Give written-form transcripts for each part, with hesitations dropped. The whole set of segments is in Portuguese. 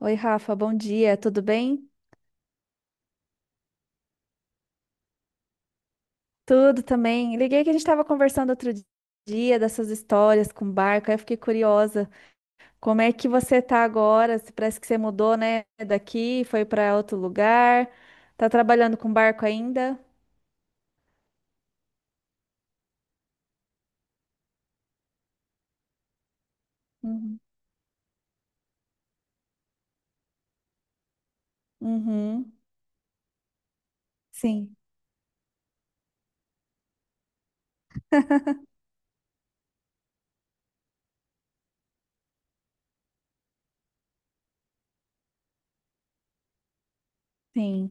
Oi, Rafa, bom dia, tudo bem? Tudo também. Liguei que a gente estava conversando outro dia dessas histórias com barco, aí eu fiquei curiosa. Como é que você tá agora? Se Parece que você mudou, né, daqui, foi para outro lugar. Tá trabalhando com barco ainda? Uhum. Uhum. Sim, sim,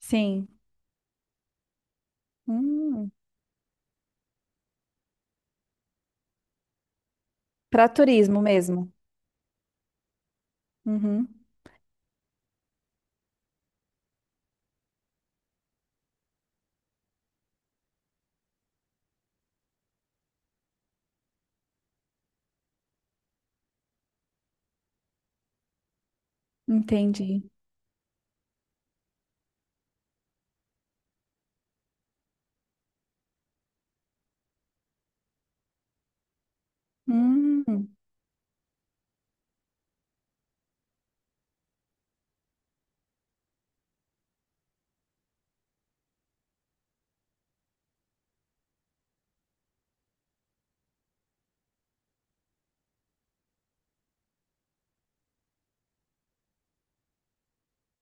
sim. Hum. Para turismo mesmo. Uhum. Entendi. Hum.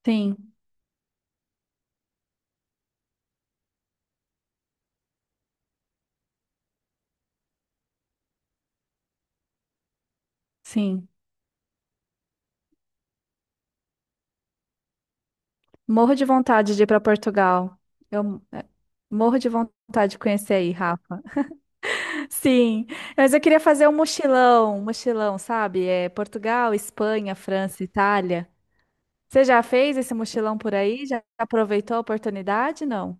Sim, sim. Morro de vontade de ir para Portugal. Eu é, morro de vontade de conhecer aí, Rafa. Sim, mas eu queria fazer um mochilão, sabe? É Portugal, Espanha, França, Itália. Você já fez esse mochilão por aí? Já aproveitou a oportunidade? Não?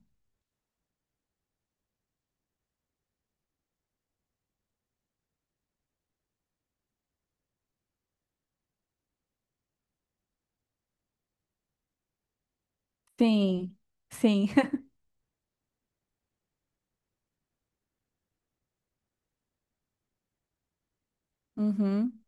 Sim, sim. Uhum,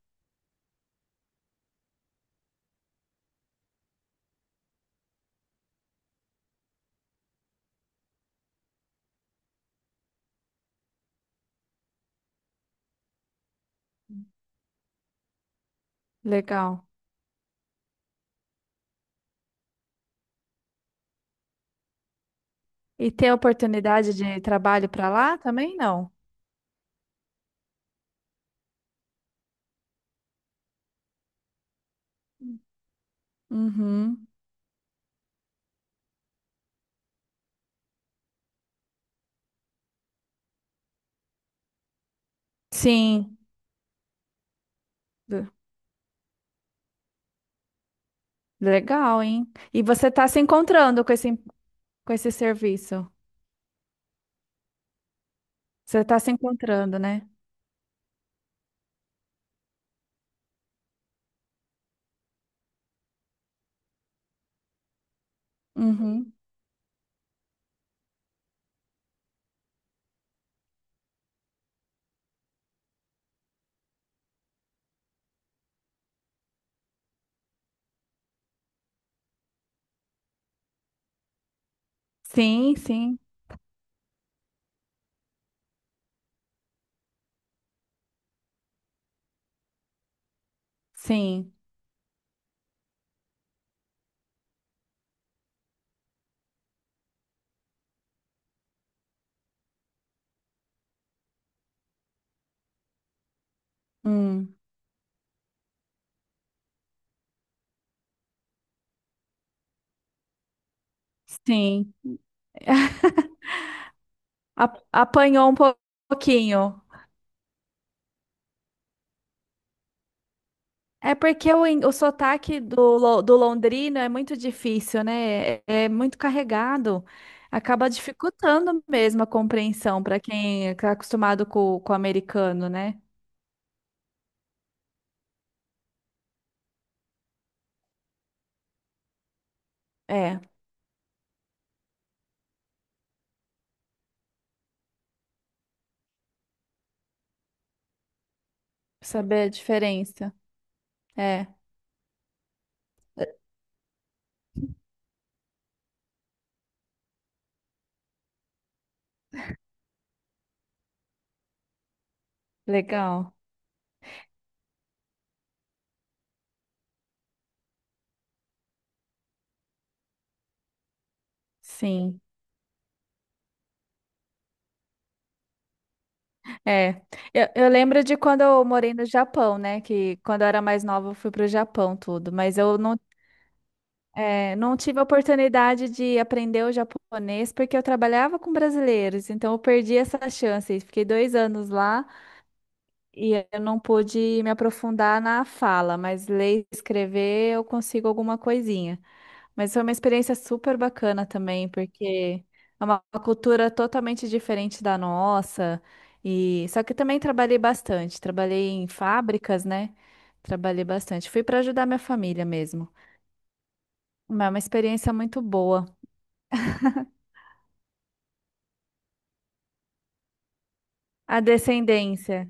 legal. E ter oportunidade de trabalho para lá também? Não. Uhum. Sim. Le- Legal, hein? E você está se encontrando com esse serviço? Você está se encontrando, né? Uhum. Sim, sim, sim. Hum, sim. Apanhou um pouquinho. É porque o sotaque do londrino é muito difícil, né? É, é muito carregado. Acaba dificultando mesmo a compreensão para quem está acostumado com o americano, né? É, saber a diferença. É, legal. Sim. É, eu lembro de quando eu morei no Japão, né? Que quando eu era mais nova eu fui pro Japão tudo, mas eu não, é, não tive a oportunidade de aprender o japonês porque eu trabalhava com brasileiros, então eu perdi essa chance. Fiquei 2 anos lá e eu não pude me aprofundar na fala, mas ler e escrever eu consigo alguma coisinha. Mas foi uma experiência super bacana também, porque é uma cultura totalmente diferente da nossa. E só que também trabalhei bastante, trabalhei em fábricas, né? Trabalhei bastante. Fui para ajudar minha família mesmo. Mas é uma experiência muito boa. A descendência.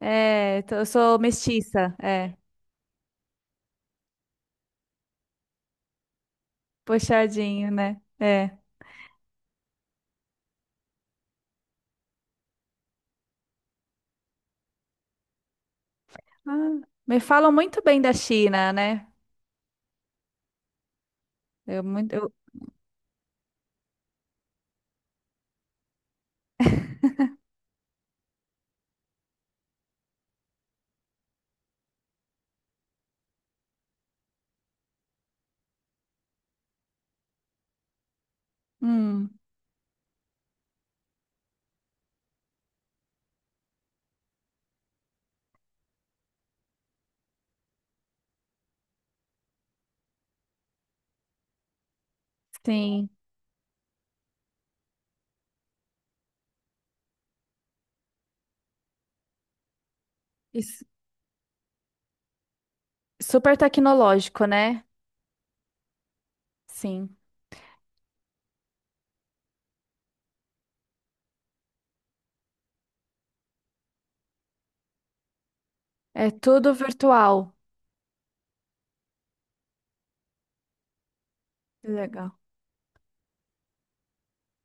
É, eu sou mestiça, é, puxadinho, né? É. Ah, me falam muito bem da China, né? Eu muito, eu, hum, sim. E super tecnológico, né? Sim. É tudo virtual. Que legal.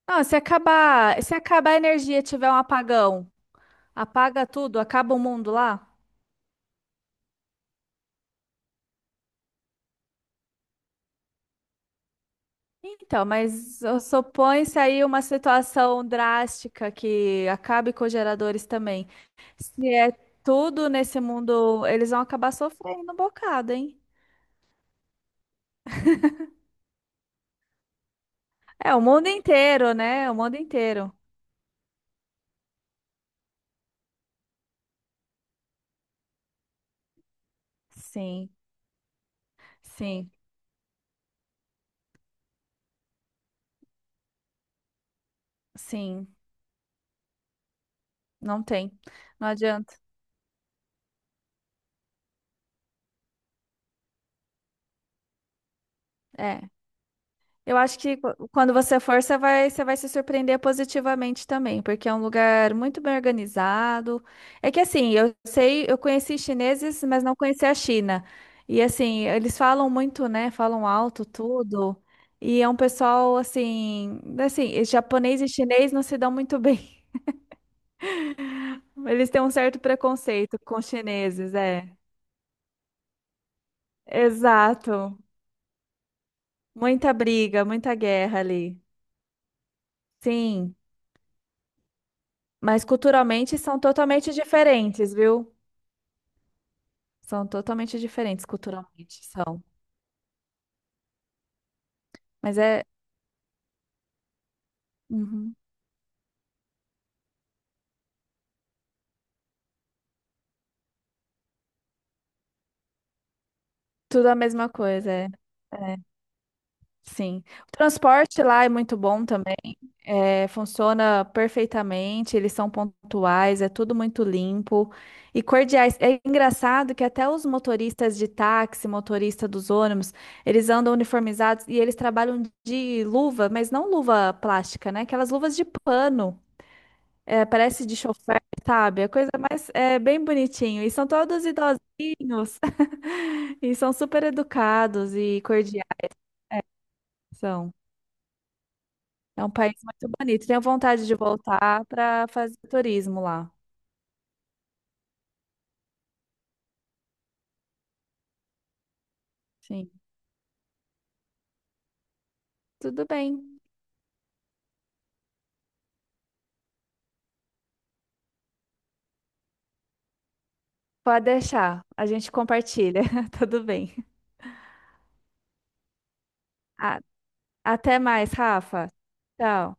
Ah, se acabar a energia, e tiver um apagão, apaga tudo, acaba o mundo lá? Então, mas supõe-se aí uma situação drástica que acabe com os geradores também. Se é tudo nesse mundo, eles vão acabar sofrendo um bocado, hein? É, o mundo inteiro, né? O mundo inteiro. Sim, sim, sim. Não tem. Não adianta. É. Eu acho que quando você for, você vai se surpreender positivamente também, porque é um lugar muito bem organizado. É que assim, eu sei, eu conheci chineses, mas não conheci a China. E assim, eles falam muito, né? Falam alto tudo. E é um pessoal assim, assim, e japonês e chinês não se dão muito bem. Eles têm um certo preconceito com os chineses, é. Exato. Muita briga, muita guerra ali. Sim. Mas culturalmente são totalmente diferentes, viu? São totalmente diferentes culturalmente, são. Mas é uhum, tudo a mesma coisa, é. É, sim. O transporte lá é muito bom também. É, funciona perfeitamente, eles são pontuais, é tudo muito limpo e cordiais. É engraçado que até os motoristas de táxi, motorista dos ônibus, eles andam uniformizados e eles trabalham de luva, mas não luva plástica, né? Aquelas luvas de pano. É, parece de chofer, sabe? A coisa mais é bem bonitinho. E são todos idosinhos. E são super educados e cordiais. São. É um país muito bonito. Tenho vontade de voltar para fazer turismo lá. Sim. Tudo bem. Pode deixar. A gente compartilha. Tudo bem. A- Até mais, Rafa. Tchau.